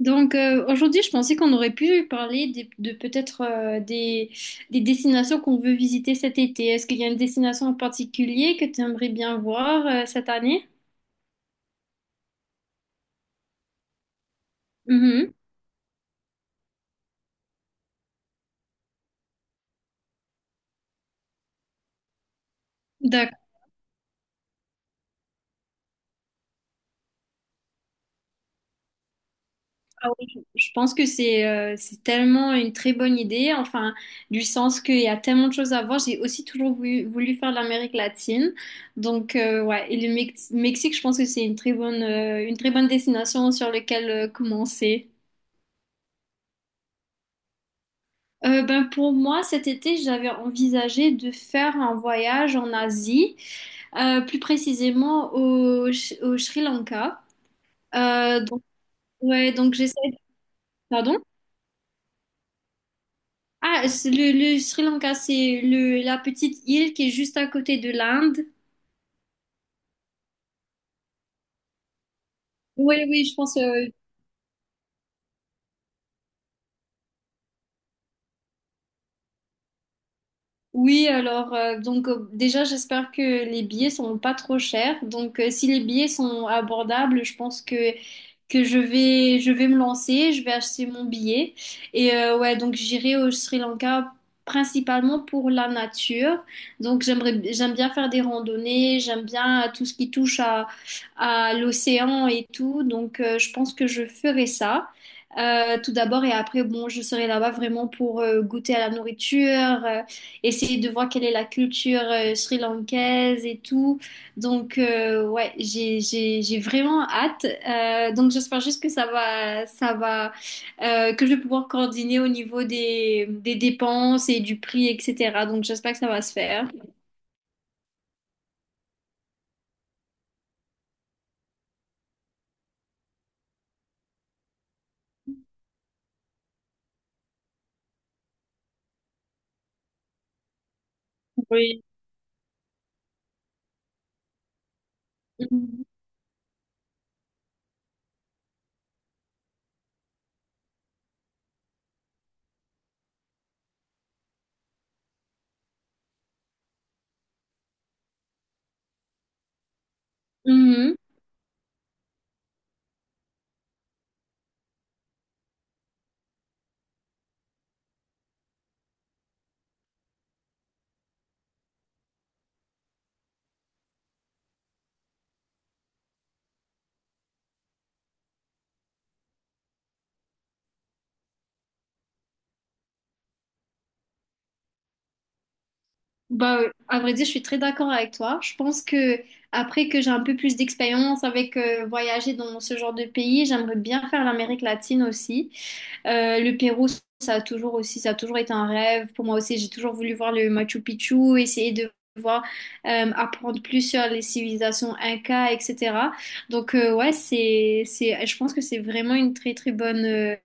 Aujourd'hui, je pensais qu'on aurait pu parler de peut-être des destinations qu'on veut visiter cet été. Est-ce qu'il y a une destination en particulier que tu aimerais bien voir cette année? Mhm. D'accord. Ah oui, je pense que c'est tellement une très bonne idée, enfin, du sens qu'il y a tellement de choses à voir. J'ai aussi toujours voulu faire l'Amérique latine. Ouais, et le Mexique, je pense que c'est une une très bonne destination sur laquelle commencer. Ben pour moi, cet été, j'avais envisagé de faire un voyage en Asie, plus précisément au, au Sri Lanka. Euh, donc, ouais, donc j'essaie. Pardon? Ah, c'est le Sri Lanka, c'est la petite île qui est juste à côté de l'Inde. Oui, oui, je pense. Oui, alors déjà j'espère que les billets sont pas trop chers. Donc si les billets sont abordables, je pense que je vais me lancer, je vais acheter mon billet et ouais donc j'irai au Sri Lanka principalement pour la nature. Donc j'aime bien faire des randonnées, j'aime bien tout ce qui touche à l'océan et tout. Donc je pense que je ferai ça. Tout d'abord et après bon je serai là-bas vraiment pour goûter à la nourriture euh, essayer de voir quelle est la culture sri-lankaise et tout. Ouais, j'ai vraiment hâte. Donc, j'espère juste que ça va, que je vais pouvoir coordonner au niveau des dépenses et du prix, etc. Donc, j'espère que ça va se faire. Oui. Mhm. Mhm. Bah, à vrai dire, je suis très d'accord avec toi. Je pense que après que j'ai un peu plus d'expérience avec voyager dans ce genre de pays, j'aimerais bien faire l'Amérique latine aussi. Le Pérou, ça a toujours été un rêve. Pour moi aussi, j'ai toujours voulu voir le Machu Picchu, essayer de voir, apprendre plus sur les civilisations Inca, etc. Donc ouais, c'est, je pense que c'est vraiment une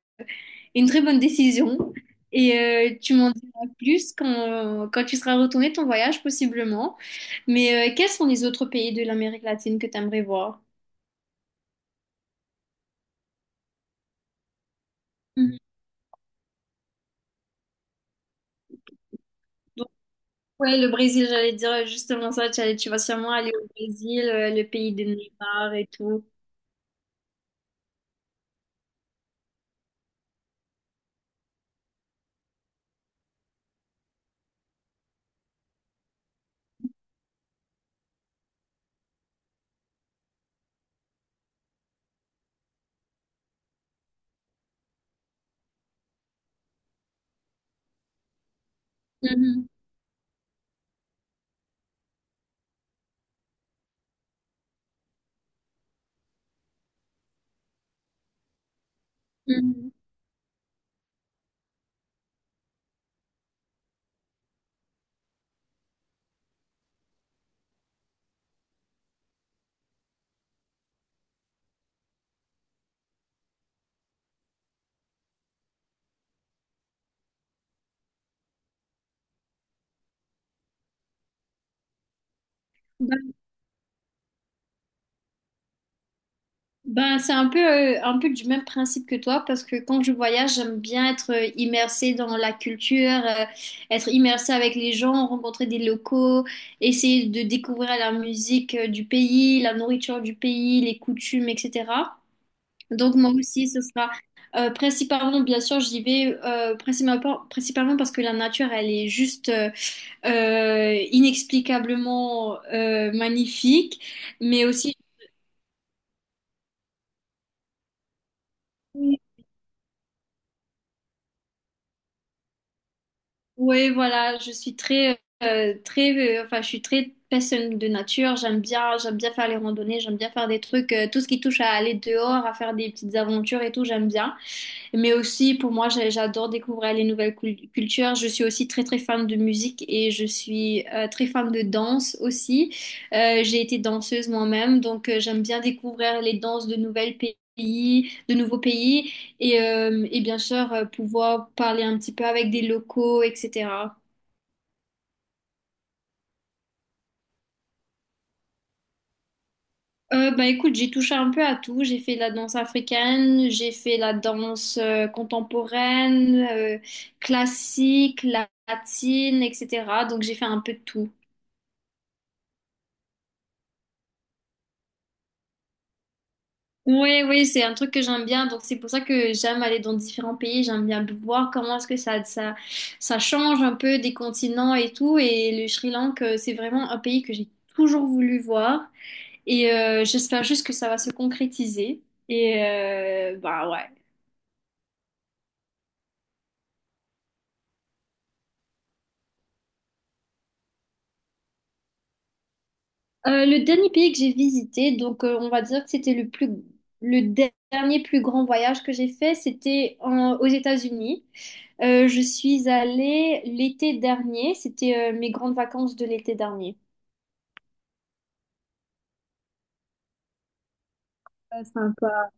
une très bonne décision. Et tu m'en diras plus quand tu seras retourné de ton voyage, possiblement. Mais quels sont les autres pays de l'Amérique latine que tu aimerais voir? Ouais, le Brésil, j'allais dire justement ça, tu vas sûrement aller au Brésil, le pays de Neymar et tout. Mhm, mhm. Ben, ben, c'est un peu du même principe que toi parce que quand je voyage, j'aime bien être immersée dans la culture, être immersée avec les gens, rencontrer des locaux, essayer de découvrir la musique du pays, la nourriture du pays, les coutumes, etc. Donc moi aussi, ce sera principalement, bien sûr, j'y vais principalement parce que la nature, elle est juste inexplicablement magnifique, mais aussi, oui, voilà, je suis très, enfin, je suis très personne de nature. J'aime bien faire les randonnées, j'aime bien faire des trucs, tout ce qui touche à aller dehors, à faire des petites aventures et tout, j'aime bien. Mais aussi, pour moi, j'adore découvrir les nouvelles cultures. Je suis aussi très, très fan de musique et je suis très fan de danse aussi. J'ai été danseuse moi-même, donc j'aime bien découvrir les danses de nouvelles pays. De nouveaux pays et bien sûr pouvoir parler un petit peu avec des locaux, etc. Bah écoute, j'ai touché un peu à tout. J'ai fait de la danse africaine, j'ai fait la danse contemporaine, classique, latine, etc. Donc j'ai fait un peu de tout. Oui, oui, c'est un truc que j'aime bien. Donc c'est pour ça que j'aime aller dans différents pays. J'aime bien voir comment est-ce que ça change un peu des continents et tout. Et le Sri Lanka, c'est vraiment un pays que j'ai toujours voulu voir. Et j'espère juste que ça va se concrétiser. Et bah ouais. Le dernier pays que j'ai visité, donc on va dire que c'était le dernier plus grand voyage que j'ai fait, c'était aux États-Unis. Je suis allée l'été dernier, c'était mes grandes vacances de l'été dernier. Ouais, sympa.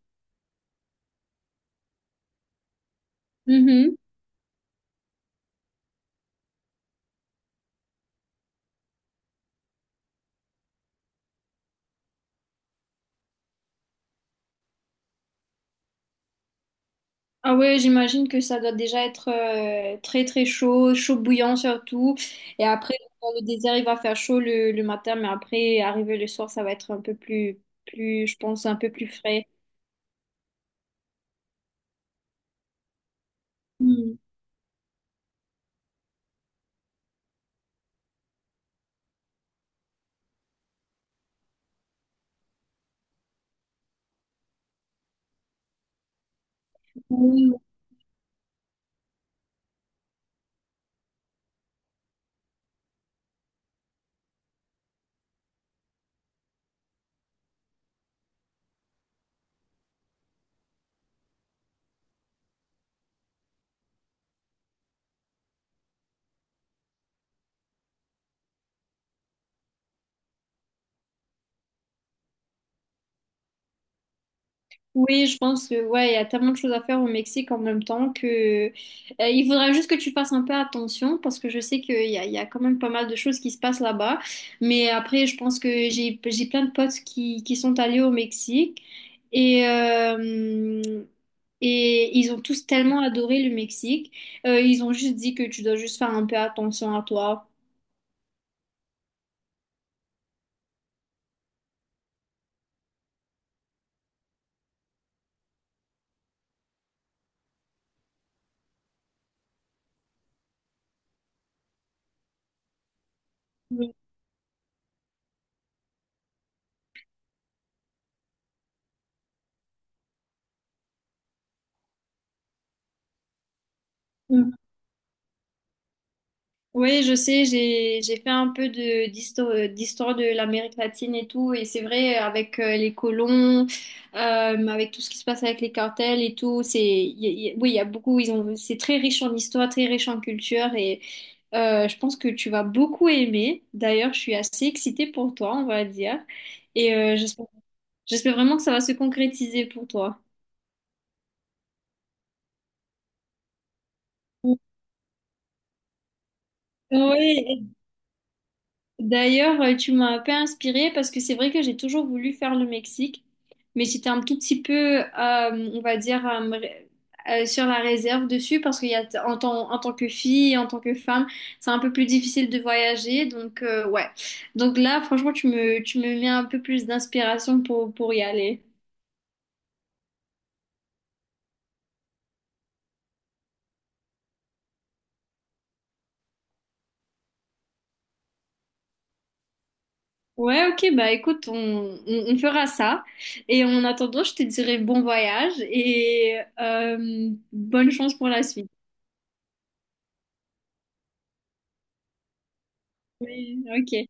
Mhm. Ah ouais, j'imagine que ça doit déjà être très très chaud, chaud bouillant surtout. Et après, dans le désert, il va faire chaud le matin, mais après, arrivé le soir, ça va être un peu plus, je pense, un peu plus frais. Hmm. Oui, je pense que ouais, il y a tellement de choses à faire au Mexique en même temps que il faudra juste que tu fasses un peu attention parce que je sais qu'il y a quand même pas mal de choses qui se passent là-bas. Mais après, je pense que j'ai plein de potes qui sont allés au Mexique et euh, et ils ont tous tellement adoré le Mexique. Ils ont juste dit que tu dois juste faire un peu attention à toi. Oui. Oui, je sais, j'ai fait un peu de d'histoire de l'Amérique latine et tout, et c'est vrai avec les colons, euh, avec tout ce qui se passe avec les cartels et tout, c'est oui, il y a beaucoup, ils ont c'est très riche en histoire, très riche en culture, et je pense que tu vas beaucoup aimer. D'ailleurs, je suis assez excitée pour toi, on va dire, et j'espère vraiment que ça va se concrétiser pour toi. Oui, d'ailleurs, tu m'as un peu inspirée parce que c'est vrai que j'ai toujours voulu faire le Mexique, mais j'étais un tout petit peu, on va dire, sur la réserve dessus parce qu'il y a en tant que fille, en tant que femme, c'est un peu plus difficile de voyager. Ouais. Donc là, franchement, tu me mets un peu plus d'inspiration pour y aller. Ouais, ok, bah écoute, on fera ça. Et en attendant, je te dirai bon voyage et bonne chance pour la suite. Oui, ok.